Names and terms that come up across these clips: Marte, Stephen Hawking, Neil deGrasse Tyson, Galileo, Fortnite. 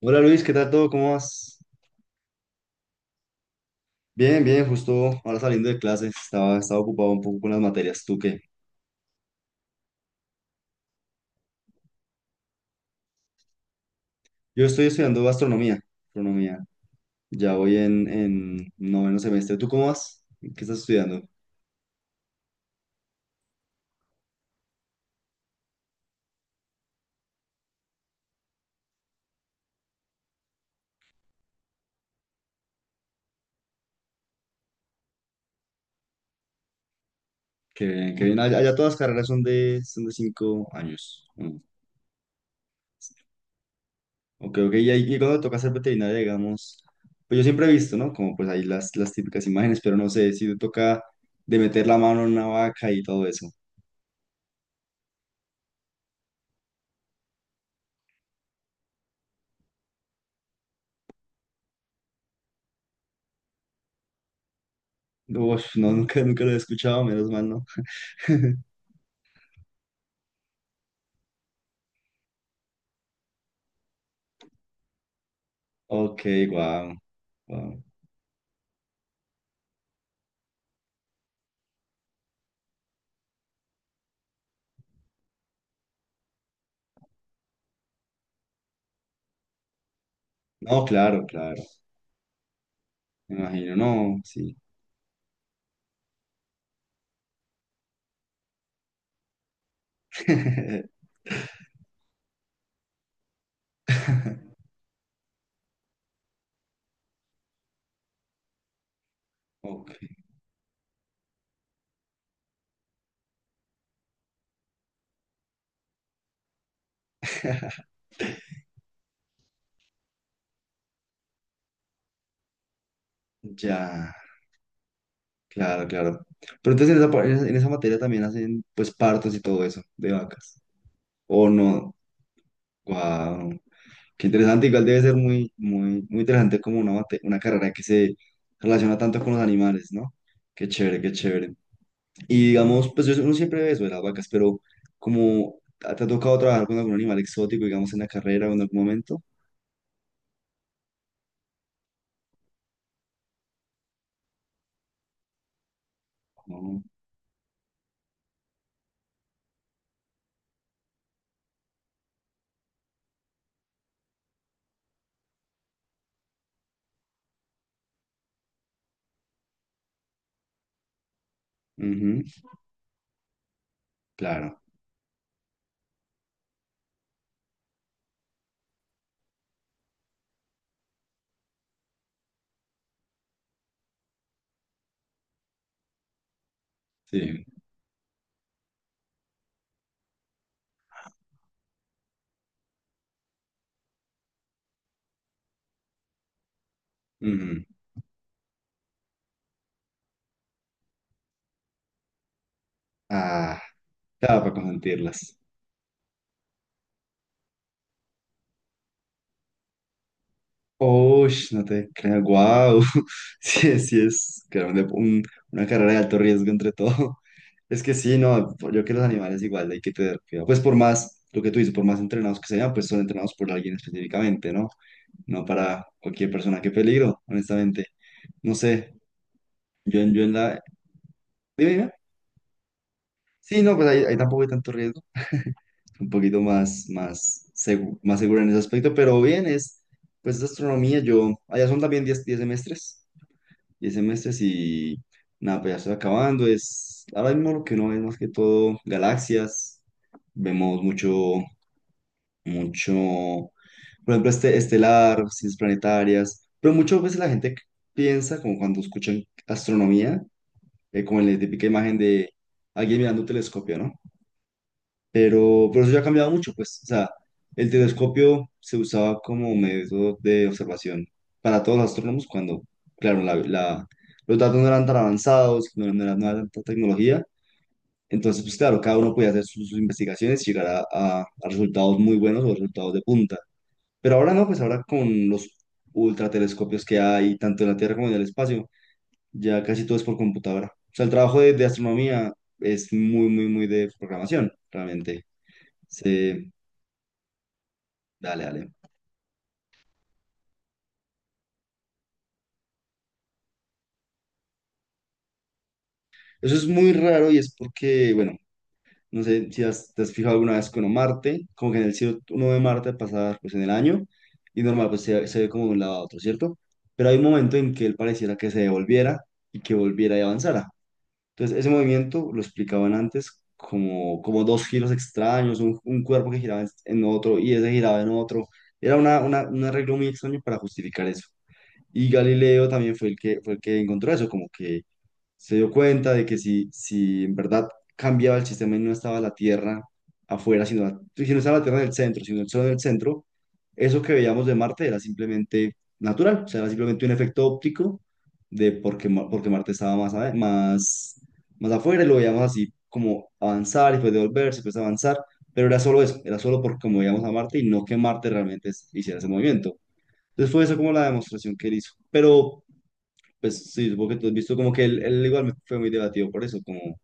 Hola Luis, ¿qué tal todo? ¿Cómo vas? Bien, bien, justo ahora saliendo de clases, estaba ocupado un poco con las materias. ¿Tú qué? Yo estoy estudiando gastronomía, gastronomía. Ya voy en noveno semestre. ¿Tú cómo vas? ¿Qué estás estudiando? Qué bien, qué bien. Allá, allá todas las carreras son de 5 años. Mm. Ok, ok. Y, y cuando toca ser veterinaria, digamos, pues yo siempre he visto, ¿no? Como pues ahí las típicas imágenes, pero no sé si te toca de meter la mano en una vaca y todo eso. Uf, no, nunca, nunca lo he escuchado, menos mal, ¿no? Ok, wow, wow. No, claro, claro. Me imagino, no, sí. Ok. Ya, claro, claro. Pero entonces en esa, en esa materia también hacen pues partos y todo eso de vacas. ¿O no? Wow. Qué interesante. Igual debe ser muy, muy, muy interesante como una, una carrera que se relaciona tanto con los animales, ¿no? Qué chévere, qué chévere. Y digamos, pues uno siempre ve eso de las vacas, pero como ¿te ha tocado trabajar con algún animal exótico, digamos, en la carrera o en algún momento? No. Ujú, claro, sí. Ujú. Ah, claro, para consentirlas. Uy, no te creas, guau. Sí, sí es claro, una carrera de alto riesgo entre todo. Es que sí, no, yo creo que los animales igual hay que tener cuidado. Pues por más, lo que tú dices, por más entrenados que sean, pues son entrenados por alguien específicamente, ¿no? No para cualquier persona, qué peligro, honestamente. No sé, yo en la... Dime, dime. Sí, no, pues ahí, ahí tampoco hay tanto riesgo, un poquito más, más, más seguro en ese aspecto, pero bien, es, pues es astronomía, yo, allá son también diez semestres, 10 semestres y nada, pues ya estoy acabando, es, ahora mismo lo que uno ve es más que todo, galaxias, vemos mucho, mucho, por ejemplo, este, estelar, ciencias planetarias, pero muchas veces la gente piensa, como cuando escuchan astronomía, como en la típica imagen de alguien mirando un telescopio, ¿no? Pero eso ya ha cambiado mucho, pues, o sea, el telescopio se usaba como método de observación para todos los astrónomos cuando, claro, los datos no eran tan avanzados, no, no era, no era tanta tecnología, entonces, pues claro, cada uno podía hacer sus, sus investigaciones y llegar a, a resultados muy buenos o resultados de punta. Pero ahora no, pues ahora con los ultratelescopios que hay, tanto en la Tierra como en el espacio, ya casi todo es por computadora. O sea, el trabajo de astronomía es muy, muy, muy de programación, realmente. Se, dale, dale. Eso es muy raro y es porque, bueno, no sé si te has fijado alguna vez con Marte, como que en el cielo uno ve Marte pasar pues en el año y normal pues se ve como de un lado a otro, ¿cierto? Pero hay un momento en que él pareciera que se devolviera y que volviera y avanzara. Entonces, ese movimiento lo explicaban antes como, como dos giros extraños, un cuerpo que giraba en otro y ese giraba en otro. Era una, un arreglo muy extraño para justificar eso. Y Galileo también fue el que encontró eso, como que se dio cuenta de que si, si en verdad cambiaba el sistema y no estaba la Tierra afuera, sino si no estaba la Tierra en el centro, sino el Sol en el centro, eso que veíamos de Marte era simplemente natural, o sea, era simplemente un efecto óptico de porque, porque Marte estaba más, más, más afuera y lo veíamos así como avanzar y pues devolverse, y pues avanzar, pero era solo eso, era solo por como veíamos a Marte y no que Marte realmente hiciera ese movimiento. Entonces fue esa como la demostración que él hizo. Pero, pues sí, supongo que tú has visto como que él igual fue muy debatido por eso, como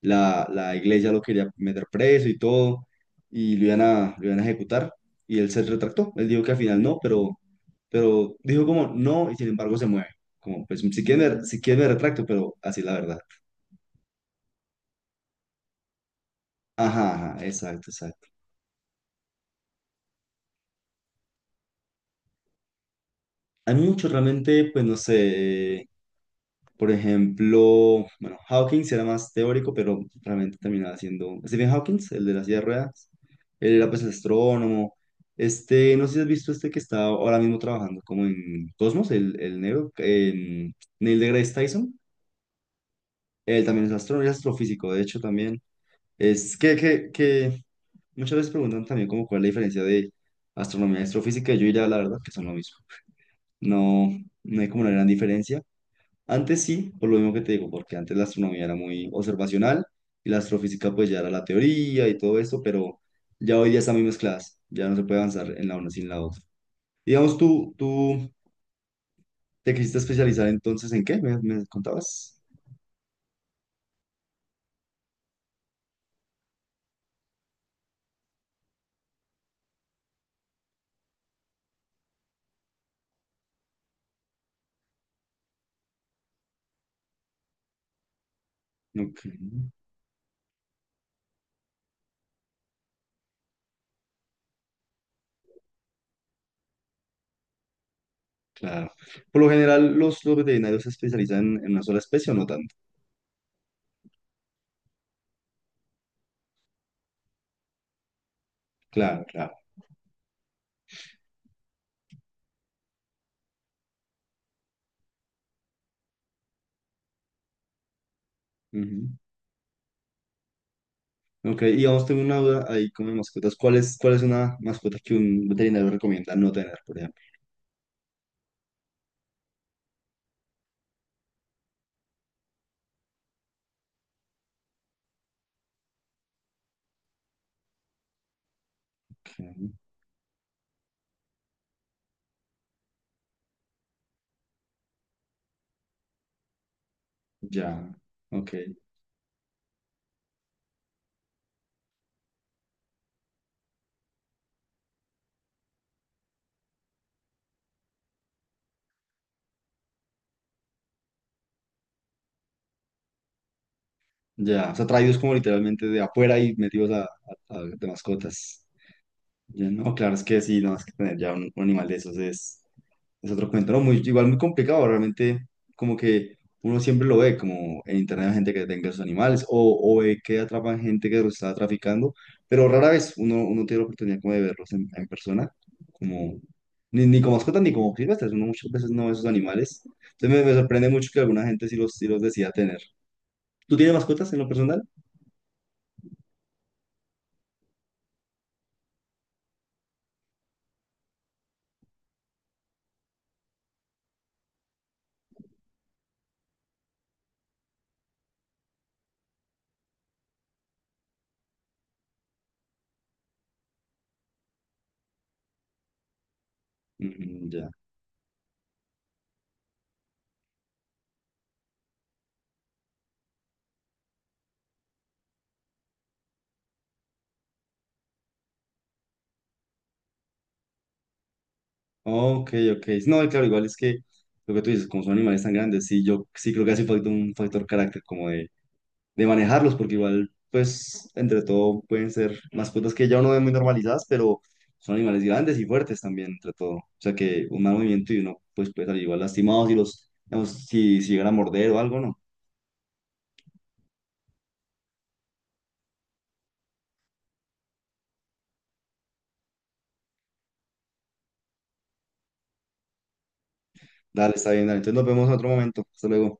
la iglesia lo quería meter preso y todo, y lo iban a ejecutar, y él se retractó. Él dijo que al final no, pero dijo como no, y sin embargo se mueve. Como, pues si quieren, si quieren me retracto, pero así es la verdad. Ajá, ajá, exacto, exacto. Hay mucho realmente, pues no sé, por ejemplo, bueno, Hawkins era más teórico, pero realmente terminaba siendo Stephen Hawking el de la silla de ruedas. Él era pues el astrónomo. Este, no sé si has visto este que está ahora mismo trabajando como en Cosmos, el negro, en Neil deGrasse Tyson. Él también es astrónomo, y astrofísico, de hecho también. Es que muchas veces preguntan también como cuál es la diferencia de astronomía y astrofísica. Y yo diría la verdad que son lo mismo. No, no hay como una gran diferencia. Antes sí, por lo mismo que te digo, porque antes la astronomía era muy observacional y la astrofísica pues ya era la teoría y todo eso, pero ya hoy día están muy mezcladas, ya no se puede avanzar en la una sin la otra. Digamos, tú te quisiste especializar entonces en qué, me contabas. Ok, claro. Por lo general los veterinarios se especializan en una sola especie o no tanto. Claro, claro. Ujú. Ok, y vamos, tengo una duda ahí con mis mascotas. Cuál es una mascota que un veterinario recomienda no tener, por ejemplo? Ok, ya, ok. Ya, o sea, traídos como literalmente de afuera y metidos a, de mascotas. Ya, no, claro, es que sí, no, es que tener ya un animal de esos es otro cuento, ¿no? Muy, igual muy complicado, realmente, como que uno siempre lo ve, como en internet hay gente que tenga sus animales, o ve que atrapan gente que los está traficando, pero rara vez uno tiene la oportunidad como de verlos en persona, como, ni, ni como mascotas ni como silvestres, uno muchas veces no ve esos animales. Entonces me sorprende mucho que alguna gente sí los decida tener. ¿Tú tienes mascotas en lo personal? Mm, ya. Ok, ok. No, y claro, igual es que lo que tú dices, como son animales tan grandes, sí, yo sí creo que hace falta un factor carácter como de manejarlos, porque igual, pues, entre todo pueden ser mascotas que ya uno ve muy normalizadas, pero son animales grandes y fuertes también, entre todo. O sea que un mal movimiento y uno, pues, puede salir igual lastimado si los, digamos, si, si llegan a morder o algo, ¿no? Dale, está bien, dale. Entonces nos vemos en otro momento. Hasta luego.